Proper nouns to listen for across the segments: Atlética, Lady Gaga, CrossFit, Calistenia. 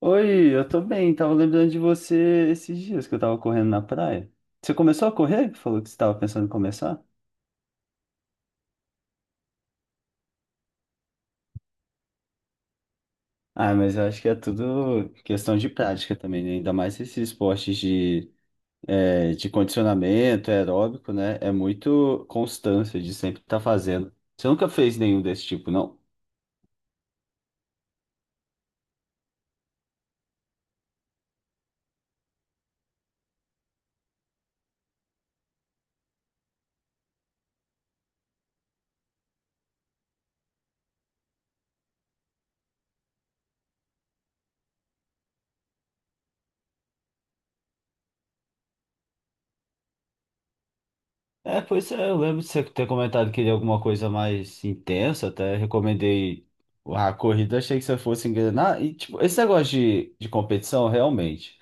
Oi, eu tô bem. Tava lembrando de você esses dias que eu tava correndo na praia. Você começou a correr? Falou que você tava pensando em começar? Ah, mas eu acho que é tudo questão de prática também, né? Ainda mais esses esportes de condicionamento é aeróbico, né? É muito constância de sempre estar fazendo. Você nunca fez nenhum desse tipo, não? É, pois é, eu lembro de você ter comentado que queria alguma coisa mais intensa, até recomendei a corrida, achei que você fosse engrenar. E, tipo, esse negócio de competição, realmente.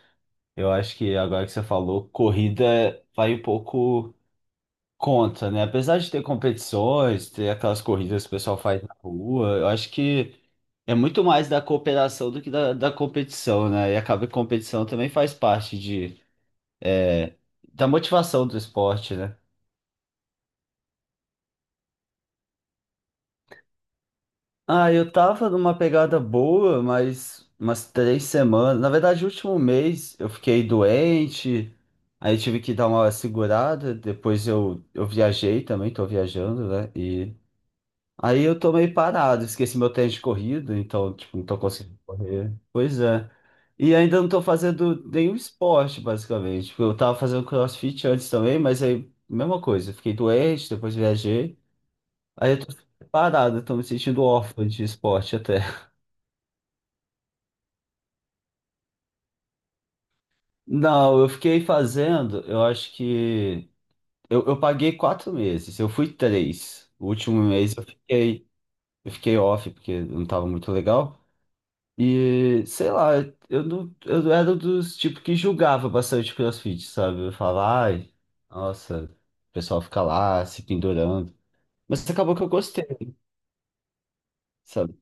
Eu acho que agora que você falou, corrida vai um pouco contra, né? Apesar de ter competições, ter aquelas corridas que o pessoal faz na rua, eu acho que é muito mais da cooperação do que da competição, né? E acaba que competição também faz parte da motivação do esporte, né? Ah, eu tava numa pegada boa, mas umas 3 semanas. Na verdade, o último mês eu fiquei doente, aí tive que dar uma segurada. Depois eu viajei também, tô viajando, né? E aí eu tô meio parado, esqueci meu tênis de corrida, então, tipo, não tô conseguindo correr. Pois é. E ainda não tô fazendo nenhum esporte, basicamente. Tipo, eu tava fazendo CrossFit antes também, mas aí, mesma coisa. Fiquei doente, depois viajei. Aí eu tô parado, eu tô me sentindo órfão de esporte até. Não, eu fiquei fazendo, eu acho que. Eu paguei 4 meses, eu fui três. O último mês eu fiquei off, porque não tava muito legal. E sei lá, eu não, eu era dos tipo que julgava bastante CrossFit, sabe? Eu falava, ai, nossa, o pessoal fica lá se pendurando. Mas acabou que eu gostei, sabe?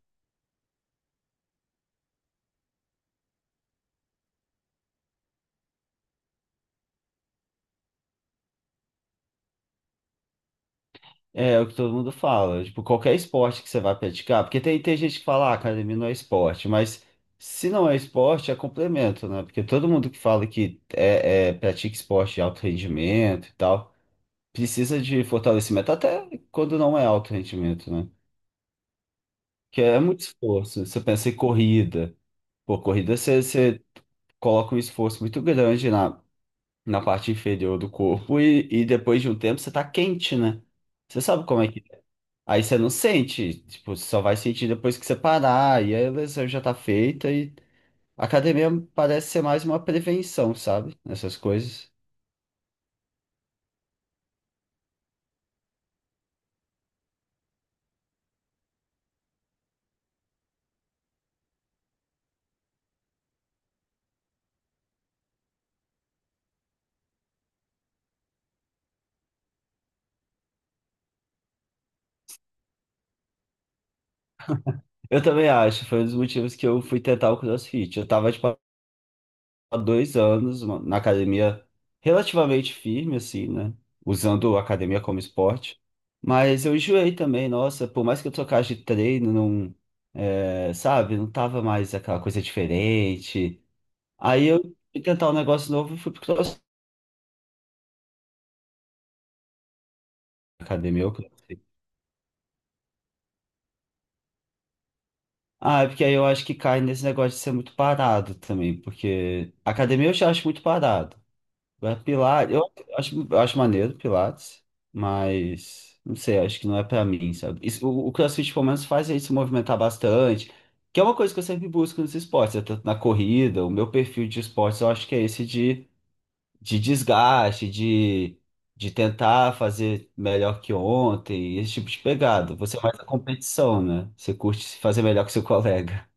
É o que todo mundo fala, tipo, qualquer esporte que você vai praticar, porque tem gente que fala, ah, academia não é esporte, mas se não é esporte, é complemento, né? Porque todo mundo que fala que pratica esporte de alto rendimento e tal, precisa de fortalecimento, até quando não é alto rendimento, né? Que é muito esforço. Você pensa em corrida. Pô, corrida você coloca um esforço muito grande na parte inferior do corpo e depois de um tempo você tá quente, né? Você sabe como é que. É. Aí você não sente. Tipo, você só vai sentir depois que você parar. E aí a lesão já tá feita. E a academia parece ser mais uma prevenção, sabe? Nessas coisas. Eu também acho. Foi um dos motivos que eu fui tentar o CrossFit. Eu tava de há 2 anos na academia relativamente firme, assim, né? Usando a academia como esporte. Mas eu enjoei também, nossa, por mais que eu trocasse de treino, não, sabe, não tava mais aquela coisa diferente. Aí eu fui tentar um negócio novo e fui pro CrossFit, academia, eu CrossFit. Ah, é porque aí eu acho que cai nesse negócio de ser muito parado também, porque academia eu já acho muito parado. É Pilates, eu acho maneiro Pilates, mas não sei, acho que não é pra mim, sabe? O CrossFit pelo menos faz a gente se movimentar bastante, que é uma coisa que eu sempre busco nos esportes, é tanto na corrida, o meu perfil de esportes eu acho que é esse de desgaste, de tentar fazer melhor que ontem, esse tipo de pegada. Você é mais a competição, né? Você curte fazer melhor que seu colega.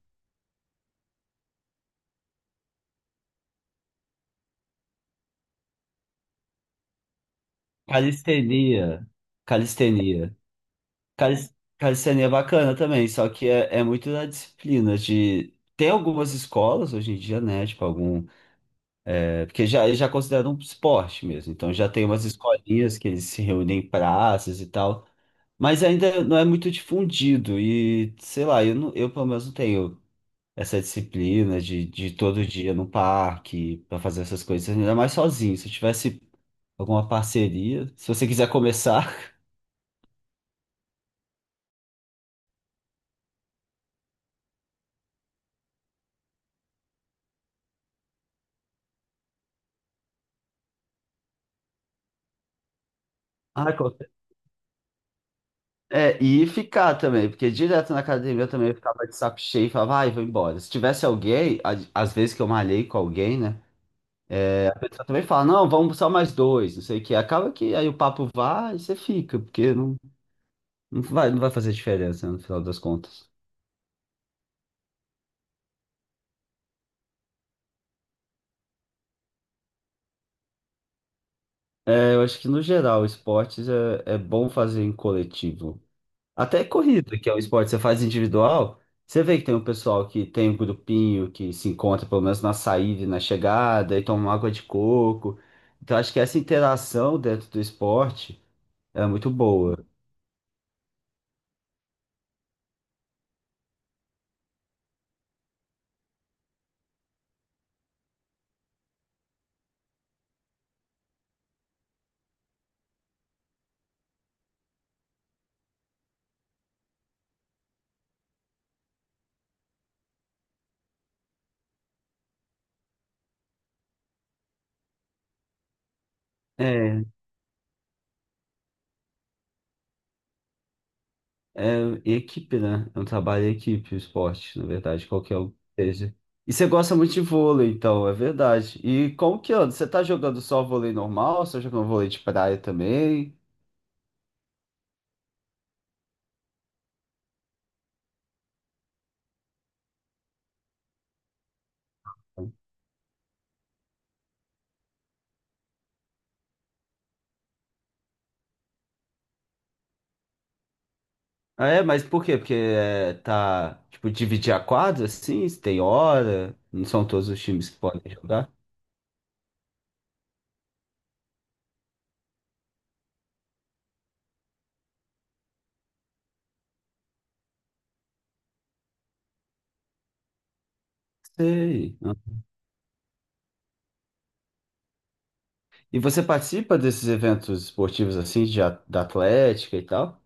Calistenia, calistenia. Cal- Calistenia é bacana também, só que é muito da disciplina de. Tem algumas escolas hoje em dia, né? Tipo, algum. Porque já, eles já consideram um esporte mesmo. Então já tem umas escolinhas que eles se reúnem em praças e tal. Mas ainda não é muito difundido. E, sei lá, eu, não, eu pelo menos não tenho essa disciplina de todo dia no parque pra fazer essas coisas. Ainda mais sozinho. Se eu tivesse alguma parceria, se você quiser começar. Ah, é, e ficar também, porque direto na academia eu também ficava de saco cheio e falava, ai, vou embora. Se tivesse alguém, às vezes que eu malhei com alguém, né? A pessoa também fala, não, vamos só mais dois, não sei o quê. Acaba que aí o papo vai e você fica, porque não, não vai fazer diferença, né, no final das contas. É, eu acho que no geral, esportes é bom fazer em coletivo. Até corrida, que é um esporte que você faz individual, você vê que tem um pessoal que tem um grupinho que se encontra pelo menos na saída e na chegada, e toma uma água de coco. Então acho que essa interação dentro do esporte é muito boa. É, é equipe, né? É um trabalho em equipe, o esporte, na verdade, qualquer um que seja. E você gosta muito de vôlei, então, é verdade. E como que anda? Você tá jogando só vôlei normal? Você tá jogando vôlei de praia também? Ah, é, mas por quê? Porque é, tá, tipo, dividir a quadra, assim, se tem hora, não são todos os times que podem jogar. Sei. Ah. E você participa desses eventos esportivos, assim, da Atlética e tal?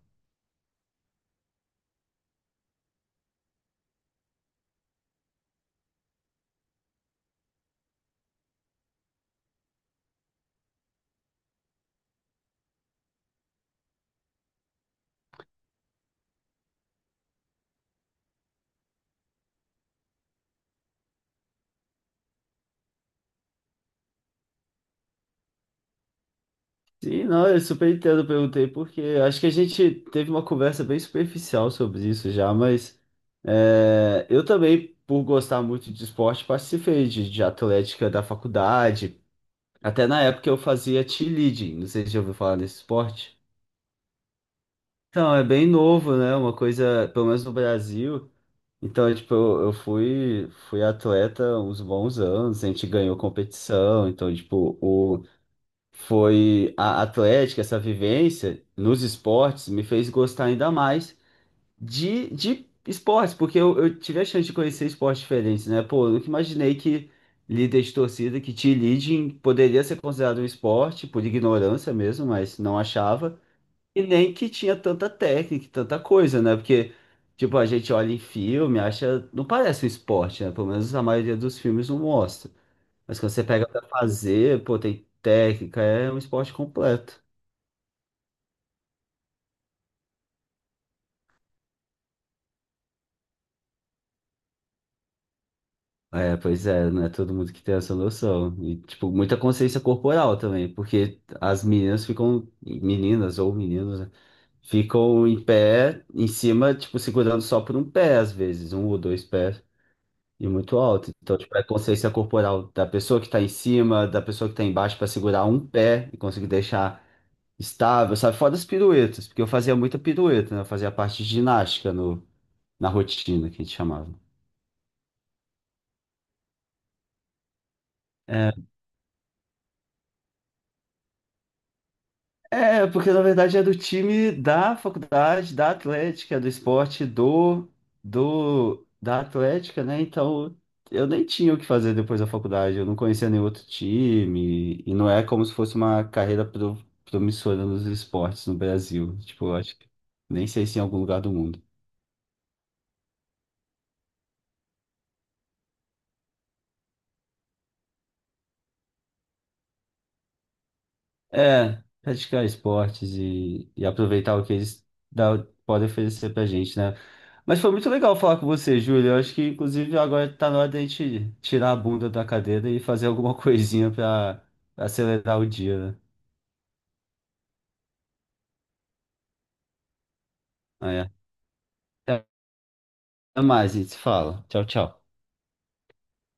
Sim, não, eu super entendo, eu perguntei, porque acho que a gente teve uma conversa bem superficial sobre isso já, mas é, eu também, por gostar muito de esporte, participei de Atlética da faculdade. Até na época eu fazia cheerleading, não sei se já ouviu falar desse esporte. Então, é bem novo, né? Uma coisa, pelo menos no Brasil. Então, é, tipo, eu fui, atleta uns bons anos, a gente ganhou competição. Então, tipo, foi a atlética, essa vivência nos esportes me fez gostar ainda mais de esportes, porque eu tive a chance de conhecer esportes diferentes, né? Pô, eu nunca imaginei que líder de torcida, que cheerleading poderia ser considerado um esporte, por ignorância mesmo, mas não achava. E nem que tinha tanta técnica, e tanta coisa, né? Porque, tipo, a gente olha em filme, acha. Não parece um esporte, né? Pelo menos a maioria dos filmes não mostra. Mas quando você pega pra fazer, pô, tem técnica, é um esporte completo. É, pois é, não é todo mundo que tem essa noção. E, tipo, muita consciência corporal também, porque as meninas ficam, meninas ou meninos, né? Ficam em pé, em cima, tipo, segurando só por um pé, às vezes, um ou dois pés. E muito alto. Então, tipo, é a consciência corporal da pessoa que tá em cima, da pessoa que tá embaixo pra segurar um pé e conseguir deixar estável, sabe? Fora as piruetas, porque eu fazia muita pirueta, né? Eu fazia a parte de ginástica no, na rotina, que a gente chamava. É, É, porque na verdade é do time da faculdade, da Atlética, do esporte do, do da Atlética, né? Então eu nem tinha o que fazer depois da faculdade, eu não conhecia nenhum outro time, e não é como se fosse uma carreira promissora nos esportes no Brasil. Tipo, eu acho que nem sei se em algum lugar do mundo. É, praticar esportes e aproveitar o que eles dá- podem oferecer pra gente, né? Mas foi muito legal falar com você, Júlio. Eu acho que, inclusive, agora tá na hora da gente tirar a bunda da cadeira e fazer alguma coisinha pra acelerar o dia, né? É. Até mais, a gente se fala. Tchau, tchau.